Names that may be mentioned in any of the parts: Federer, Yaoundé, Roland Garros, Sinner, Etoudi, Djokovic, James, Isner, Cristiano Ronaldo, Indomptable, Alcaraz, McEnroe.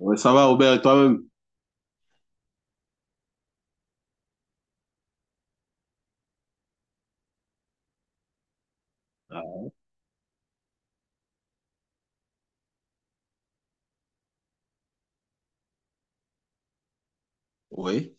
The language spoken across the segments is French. Ouais, ça va, Robert, et toi-même? Ah, oui.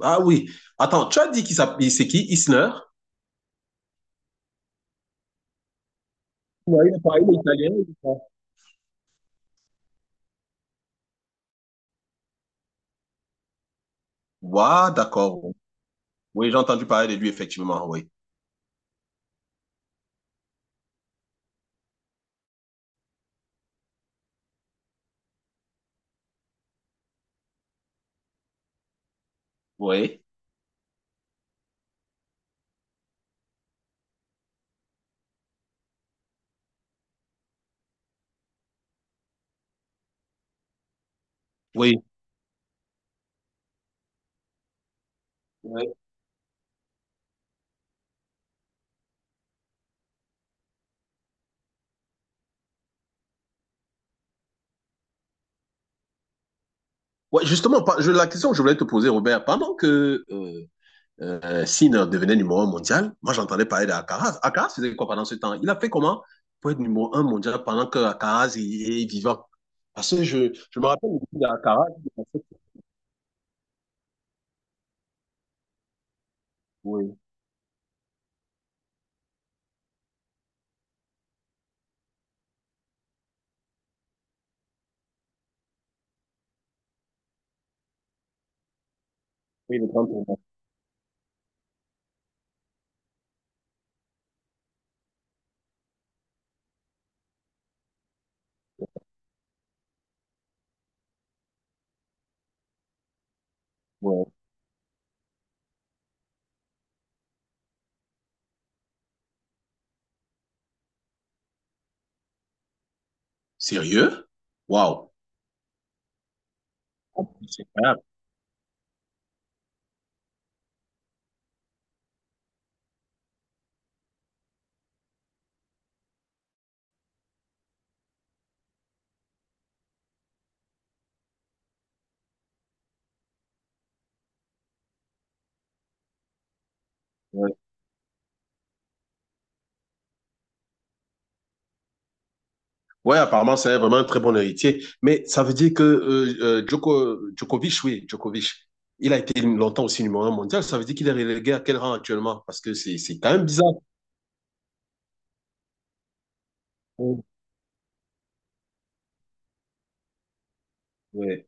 Ah oui. Attends, tu as dit qu'il s'appelle, c'est qui? Isner? Ouais, il est pas- il est italien, je crois. Ouais, d'accord. Oui, j'ai entendu parler de lui, effectivement, oui. Oui. Oui. Oui. Ouais, justement, la question que je voulais te poser, Robert, pendant que Sinner devenait numéro un mondial, moi j'entendais parler d'Alcaraz. Alcaraz faisait quoi pendant ce temps? Il a fait comment pour être numéro un mondial pendant que Alcaraz est, est vivant? Parce que je me rappelle aussi d'Alcaraz. Oui, oui, le grand tournoi. Sérieux? Waouh! Oh, c'est incroyable. Ouais. Ouais, apparemment, c'est vraiment un très bon héritier. Mais ça veut dire que Djokovic, oui, Djokovic, il a été longtemps aussi numéro un mondial. Ça veut dire qu'il est relégué à quel rang actuellement? Parce que c'est quand même bizarre. Ouais, ouais,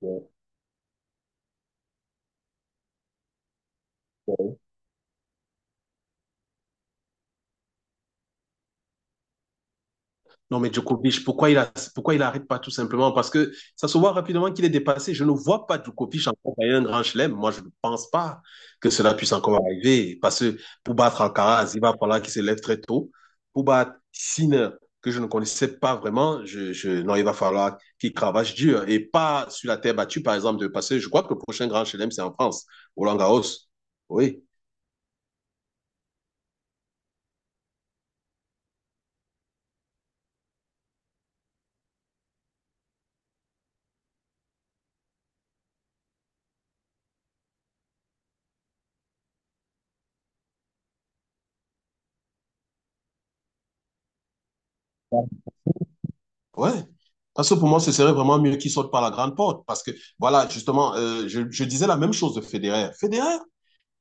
ouais, ouais. Non, mais Djokovic, pourquoi pourquoi il n'arrête pas tout simplement? Parce que ça se voit rapidement qu'il est dépassé. Je ne vois pas Djokovic encore gagner un grand chelem. Moi, je ne pense pas que cela puisse encore arriver. Parce que pour battre Alcaraz, il va falloir qu'il se lève très tôt. Pour battre Sinner, que je ne connaissais pas vraiment, non, il va falloir qu'il cravache dur et pas sur la terre battue, par exemple, de passer. Je crois que le prochain grand chelem, c'est en France, Roland Garros. Oui. Ouais. Parce que pour moi, ce serait vraiment mieux qu'il sorte par la grande porte. Parce que, voilà, justement, je disais la même chose de Federer. Federer,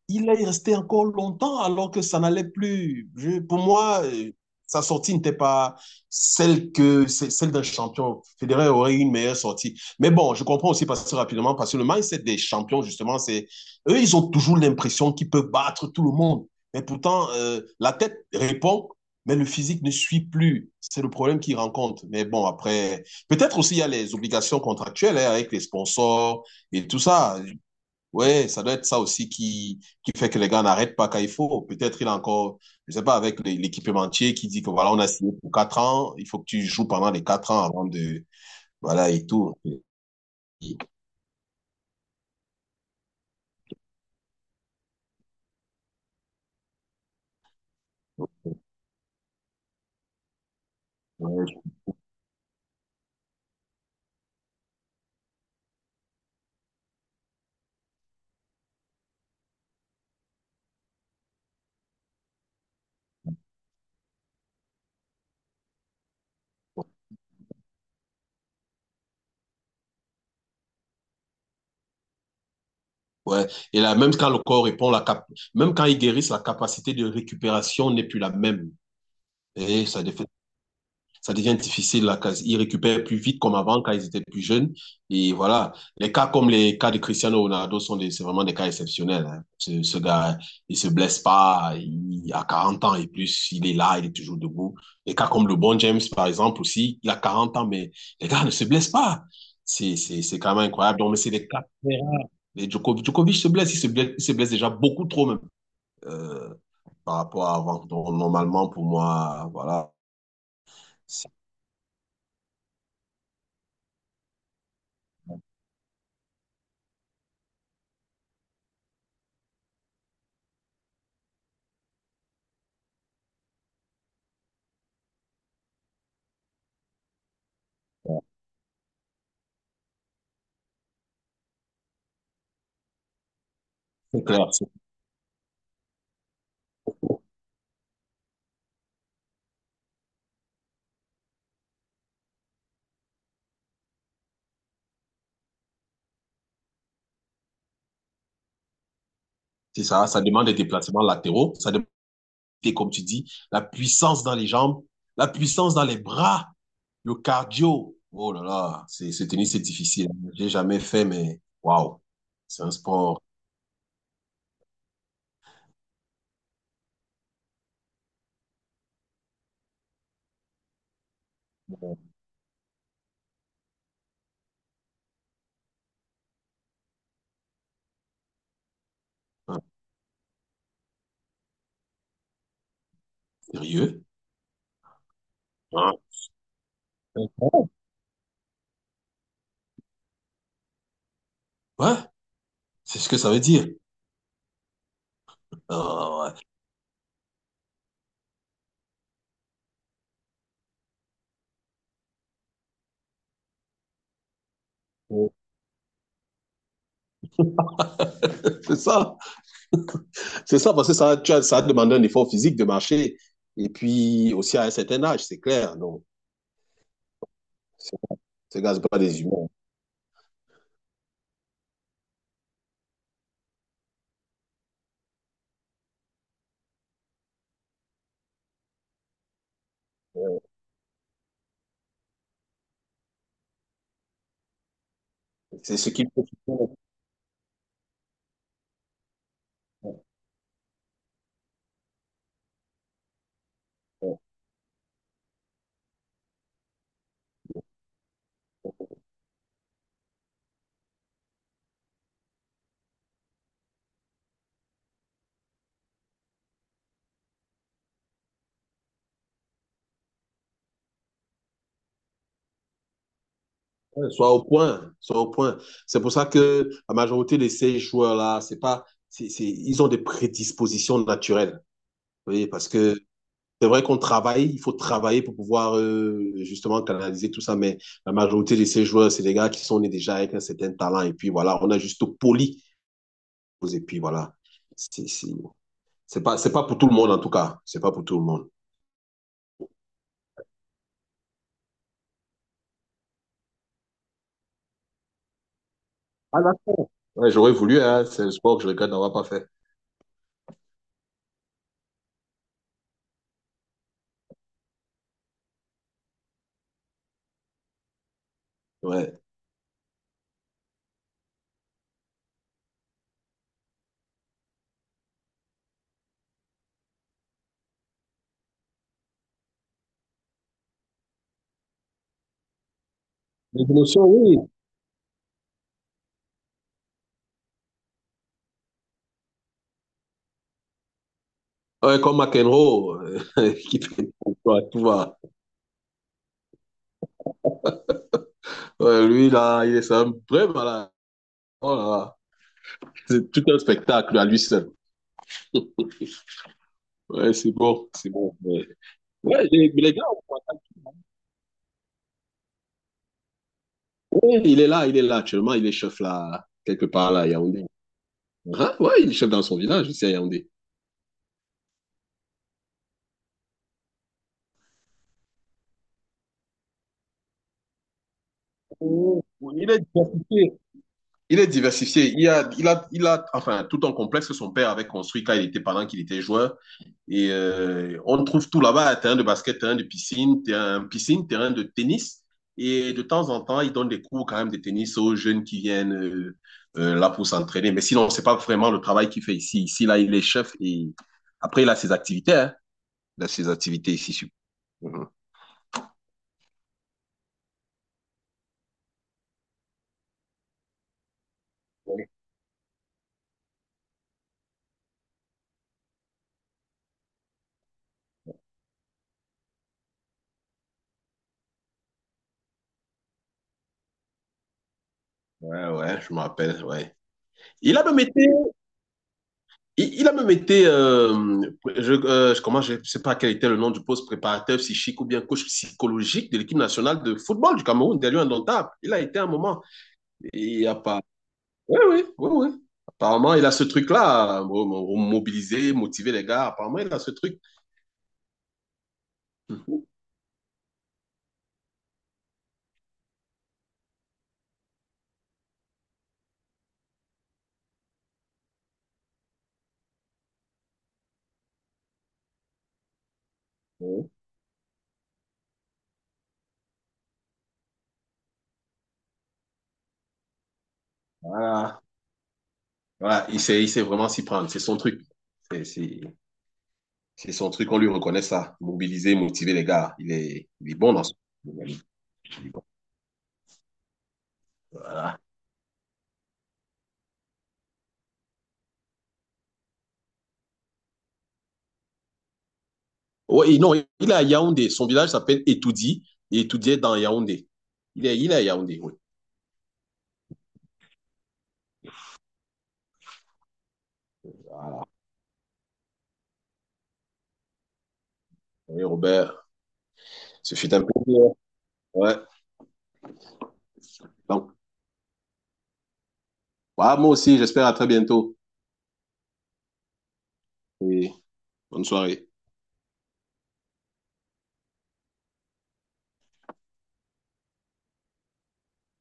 il est resté encore longtemps alors que ça n'allait plus. Pour moi, sa sortie n'était pas celle d'un champion. Federer aurait eu une meilleure sortie. Mais bon, je comprends aussi parce que rapidement, parce que le mindset des champions, justement, c'est eux, ils ont toujours l'impression qu'ils peuvent battre tout le monde. Mais pourtant, la tête répond, mais le physique ne suit plus. C'est le problème qu'ils rencontrent. Mais bon, après, peut-être aussi il y a les obligations contractuelles hein, avec les sponsors et tout ça. Ouais, ça doit être ça aussi qui fait que les gars n'arrêtent pas quand il faut. Peut-être il a encore, je sais pas, avec l'équipementier qui dit que voilà, on a signé pour quatre ans, il faut que tu joues pendant les quatre ans avant de, voilà, et tout. Ouais, ouais. Et là, même quand le corps répond, même quand ils guérissent, la capacité de récupération n'est plus la même. Et ça devient difficile. Là, ils récupèrent plus vite comme avant quand ils étaient plus jeunes. Et voilà, les cas de Cristiano Ronaldo sont des, c'est vraiment des cas exceptionnels, hein. Ce gars, il se blesse pas, il a 40 ans et plus, il est là, il est toujours debout. Les cas comme le bon James, par exemple, aussi, il a 40 ans, mais les gars ne se blessent pas. C'est quand même incroyable. Donc, mais c'est des cas. Les Djokovic, Djokovic se blesse, il se blesse déjà beaucoup trop même euh, par rapport à avant. Donc, normalement, pour moi, voilà, c'est c'est clair. C'est ça, ça demande des déplacements latéraux, ça demande, comme tu dis, la puissance dans les jambes, la puissance dans les bras, le cardio. Oh là là, c'est, ce tennis, c'est difficile. J'ai jamais fait, mais waouh, c'est un sport euh, sérieux. Hein. Ouais, c'est ce que ça veut dire. Ah, ouais. C'est ça, c'est ça, parce que ça, ça a demandé un effort physique de marcher. Et puis aussi à un certain âge, c'est clair. Donc, c'est- ces gars, c'est pas des humains. C'est ce qui. Ouais, soit au point, soit au point. C'est pour ça que la majorité de ces joueurs-là, c'est pas, c'est- ils ont des prédispositions naturelles. Vous voyez, parce que c'est vrai qu'on travaille, il faut travailler pour pouvoir justement canaliser tout ça, mais la majorité de ces joueurs, c'est des gars qui sont nés déjà avec un certain talent, et puis voilà, on a juste poli, et puis voilà. C'est c'est- c'est pas pour tout le monde en tout cas, c'est pas pour tout le monde. Ah, d'accord. Ouais, j'aurais voulu, hein, c'est le sport que je regrette d'avoir pas fait. Ouais. Les émotions, oui. Ouais, comme McEnroe, qui fait pour toi, tout va. Ouais, lui, là, il est c'est un vrai malade. Oh là là. C'est tout un spectacle à lui seul. Ouais, c'est bon, c'est bon. Ouais. Ouais, les, mais les gars, s'entend. Ouais, il est là actuellement, il est chef là, quelque part là, à Yaoundé. Hein? Ouais, il est chef dans son village, ici à Yaoundé. Oh, il est diversifié. Il est diversifié. Il a, enfin, tout un complexe que son père avait construit quand il était, pendant qu'il était joueur. Et on trouve tout là-bas, terrain de basket, terrain de piscine, terrain de tennis. Et de temps en temps, ils donnent des cours quand même de tennis aux jeunes qui viennent là pour s'entraîner. Mais sinon, c'est pas vraiment le travail qu'il fait ici. Ici, là, il est chef et après, il a ses activités, hein. Il a ses activités ici. Sur- mhm. Ouais, ouais, je me rappelle, ouais. Il a même été. Il a même été, je, ne je- je sais pas quel était le nom du poste préparateur psychique ou bien coach psychologique de l'équipe nationale de football du Cameroun, Derrière un Indomptable. Il a été un moment. Il a pas. Oui, oui, oui, oui. Apparemment, il a ce truc-là, mobiliser, motiver les gars. Apparemment, il a ce truc. Mhm. Voilà. Voilà, il sait vraiment s'y prendre. C'est son truc. C'est c'est- c'est son truc, on lui reconnaît ça. Mobiliser, motiver les gars. Il est bon dans ce truc. Voilà. Ouais, non, il est à Yaoundé. Son village s'appelle Etoudi. Et Etoudi est dans Yaoundé. Il est à Yaoundé, oui. Voilà. Oui, Robert, ce fut un plaisir. Ouais. Donc, bah, moi aussi, j'espère à très bientôt. Et bonne soirée.